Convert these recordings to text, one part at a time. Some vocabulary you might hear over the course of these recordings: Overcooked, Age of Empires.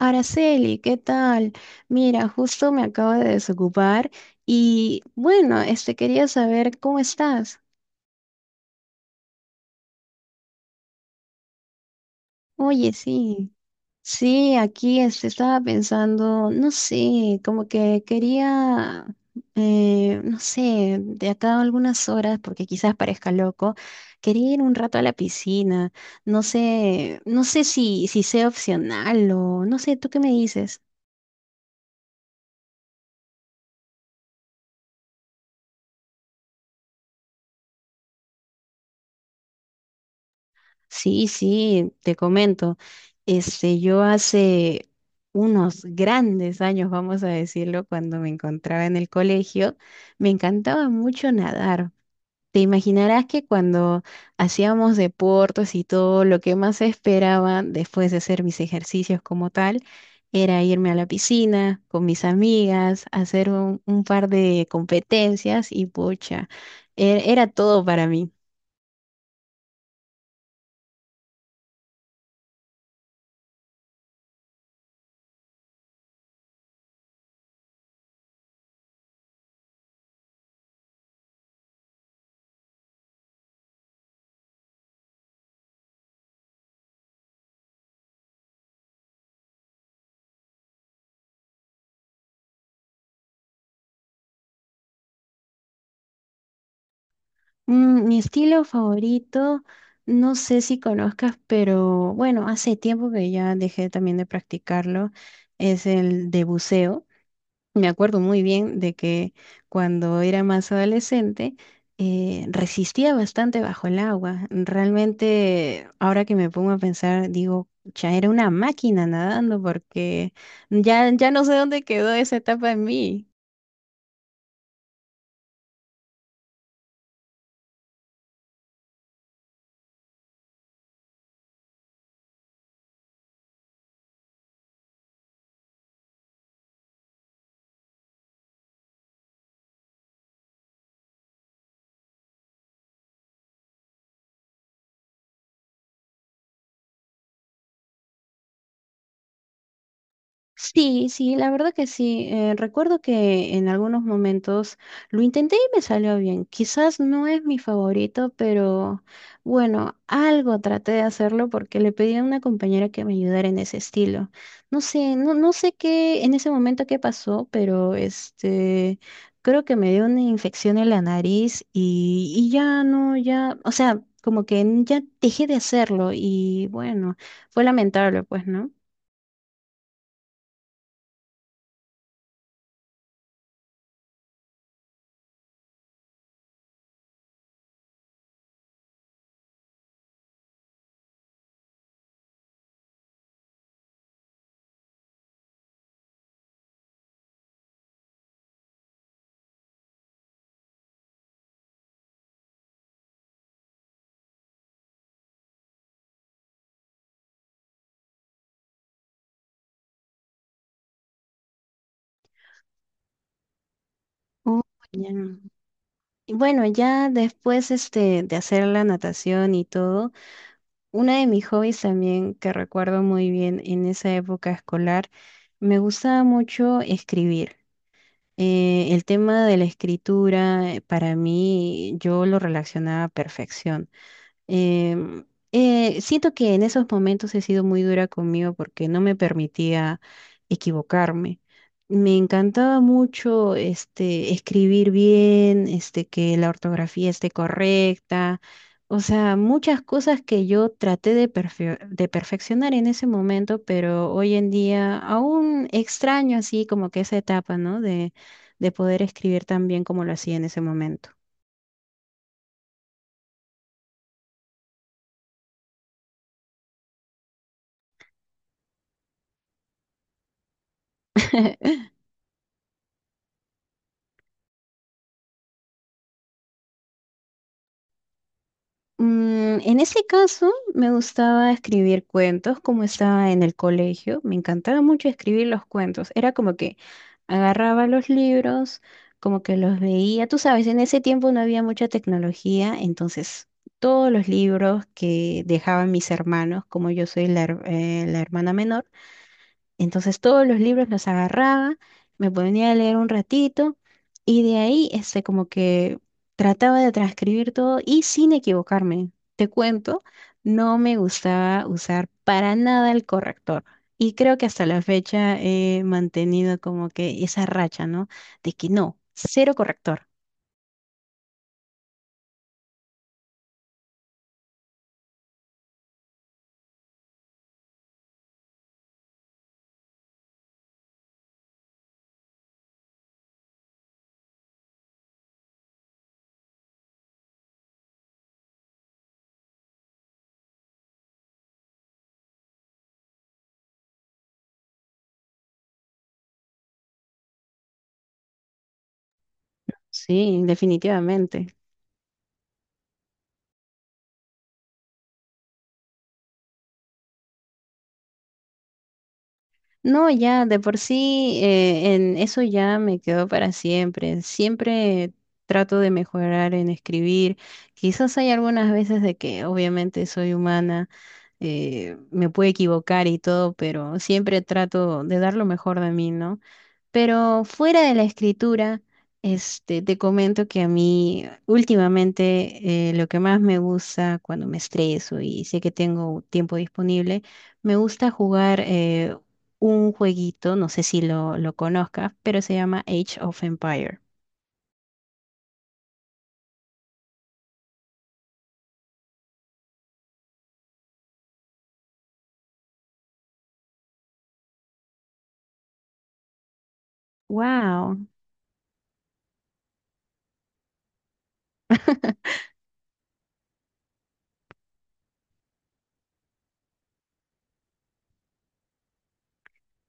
Araceli, ¿qué tal? Mira, justo me acabo de desocupar y bueno, quería saber cómo estás. Oye, sí, sí, aquí estaba pensando, no sé, como que quería, no sé, de acá a algunas horas, porque quizás parezca loco, quería ir un rato a la piscina. No sé, no sé si sea opcional o no sé, ¿tú qué me dices? Sí, sí, te comento. Yo hace unos grandes años, vamos a decirlo, cuando me encontraba en el colegio, me encantaba mucho nadar. Te imaginarás que cuando hacíamos deportes y todo, lo que más esperaba después de hacer mis ejercicios como tal era irme a la piscina con mis amigas, hacer un par de competencias y pucha, era todo para mí. Mm, mi estilo favorito, no sé si conozcas, pero bueno, hace tiempo que ya dejé también de practicarlo, es el de buceo. Me acuerdo muy bien de que cuando era más adolescente resistía bastante bajo el agua. Realmente, ahora que me pongo a pensar, digo, ya era una máquina nadando porque ya no sé dónde quedó esa etapa en mí. Sí, sí, la verdad que sí. Recuerdo que en algunos momentos lo intenté y me salió bien. Quizás no es mi favorito, pero bueno, algo traté de hacerlo porque le pedí a una compañera que me ayudara en ese estilo. No sé, no, no sé qué en ese momento qué pasó, pero creo que me dio una infección en la nariz y ya no, ya, o sea, como que ya dejé de hacerlo y bueno, fue lamentable, pues, ¿no? Oh, ya. No. Y bueno, ya después de hacer la natación y todo, uno de mis hobbies también que recuerdo muy bien en esa época escolar, me gustaba mucho escribir. El tema de la escritura para mí yo lo relacionaba a perfección. Em, siento que en esos momentos he sido muy dura conmigo porque no me permitía equivocarme. Me encantaba mucho escribir bien, que la ortografía esté correcta. O sea, muchas cosas que yo traté de, de perfeccionar en ese momento, pero hoy en día aún extraño así como que esa etapa, ¿no? De poder escribir tan bien como lo hacía en ese momento. Mm, en ese caso, me gustaba escribir cuentos como estaba en el colegio. Me encantaba mucho escribir los cuentos. Era como que agarraba los libros, como que los veía. Tú sabes, en ese tiempo no había mucha tecnología, entonces todos los libros que dejaban mis hermanos, como yo soy la, la hermana menor, entonces todos los libros los agarraba, me ponía a leer un ratito y de ahí como que trataba de transcribir todo y sin equivocarme. Te cuento, no me gustaba usar para nada el corrector. Y creo que hasta la fecha he mantenido como que esa racha, ¿no? De que no, cero corrector. Sí, definitivamente. No, ya, de por sí, en eso ya me quedo para siempre. Siempre trato de mejorar en escribir. Quizás hay algunas veces de que obviamente soy humana, me puedo equivocar y todo, pero siempre trato de dar lo mejor de mí, ¿no? Pero fuera de la escritura, te comento que a mí últimamente lo que más me gusta cuando me estreso y sé que tengo tiempo disponible, me gusta jugar un jueguito, no sé si lo conozcas, pero se llama Age of Empire. Wow.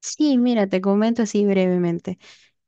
Sí, mira, te comento así brevemente.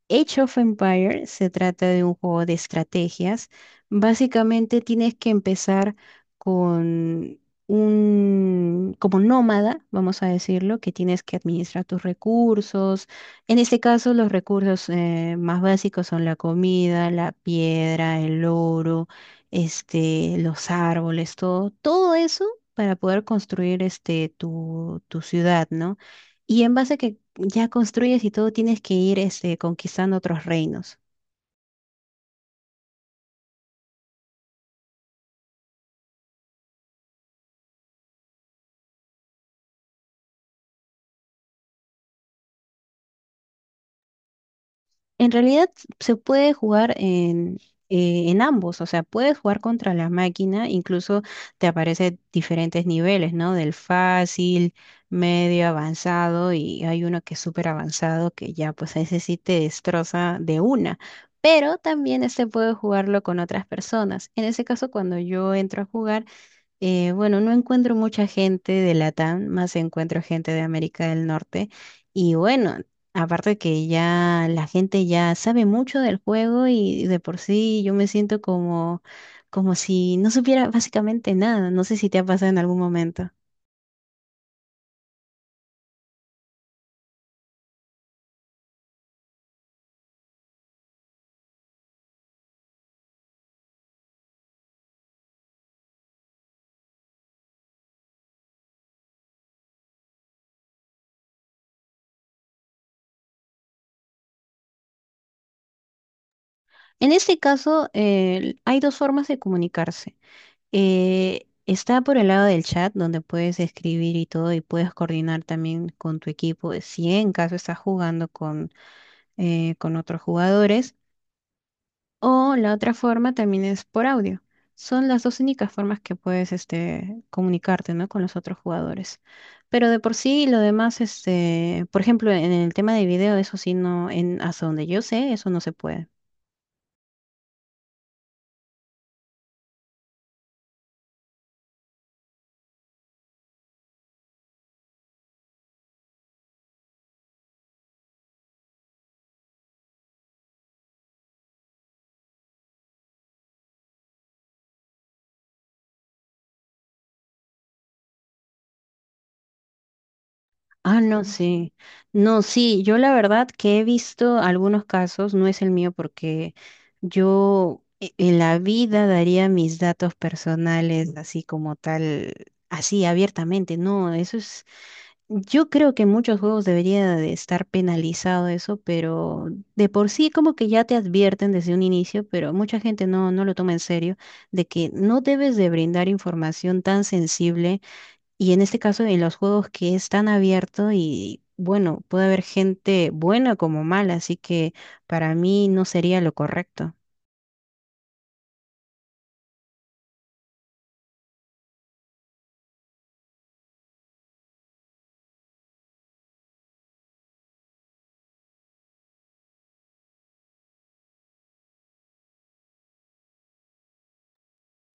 Age of Empires se trata de un juego de estrategias. Básicamente tienes que empezar con un, como nómada, vamos a decirlo, que tienes que administrar tus recursos. En este caso, los recursos más básicos son la comida, la piedra, el oro, los árboles, todo, todo eso para poder construir tu ciudad, ¿no? Y en base a que ya construyes y todo tienes que ir conquistando otros reinos. En realidad se puede jugar en ambos, o sea, puedes jugar contra la máquina, incluso te aparecen diferentes niveles, ¿no? Del fácil, medio avanzado y hay uno que es súper avanzado que ya pues a ese sí te destroza de una. Pero también puede jugarlo con otras personas. En ese caso, cuando yo entro a jugar, bueno, no encuentro mucha gente de Latam, más encuentro gente de América del Norte. Y bueno, aparte que ya la gente ya sabe mucho del juego y de por sí yo me siento como, como si no supiera básicamente nada. No sé si te ha pasado en algún momento. En este caso, hay dos formas de comunicarse. Está por el lado del chat, donde puedes escribir y todo, y puedes coordinar también con tu equipo. Si en caso estás jugando con otros jugadores. O la otra forma también es por audio. Son las dos únicas formas que puedes comunicarte, ¿no? con los otros jugadores. Pero de por sí, lo demás, este, por ejemplo, en el tema de video, eso sí, no, en, hasta donde yo sé, eso no se puede. Ah, no, mm, sí. No, sí, yo la verdad que he visto algunos casos, no es el mío porque en la vida daría mis datos personales así como tal, así abiertamente. No, eso es. Yo creo que en muchos juegos debería de estar penalizado eso, pero de por sí como que ya te advierten desde un inicio, pero mucha gente no, no lo toma en serio, de que no debes de brindar información tan sensible y en este caso en los juegos que es tan abierto y bueno, puede haber gente buena como mala, así que para mí no sería lo correcto.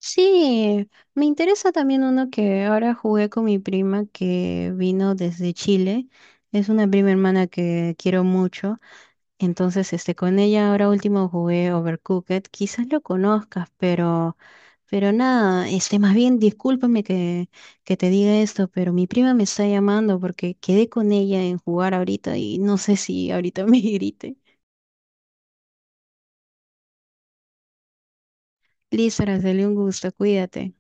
Sí, me interesa también uno que ahora jugué con mi prima que vino desde Chile. Es una prima hermana que quiero mucho. Entonces, con ella ahora último jugué Overcooked. Quizás lo conozcas, pero nada, más bien discúlpame que te diga esto, pero mi prima me está llamando porque quedé con ella en jugar ahorita y no sé si ahorita me grite. Liz, Araceli, un gusto, cuídate.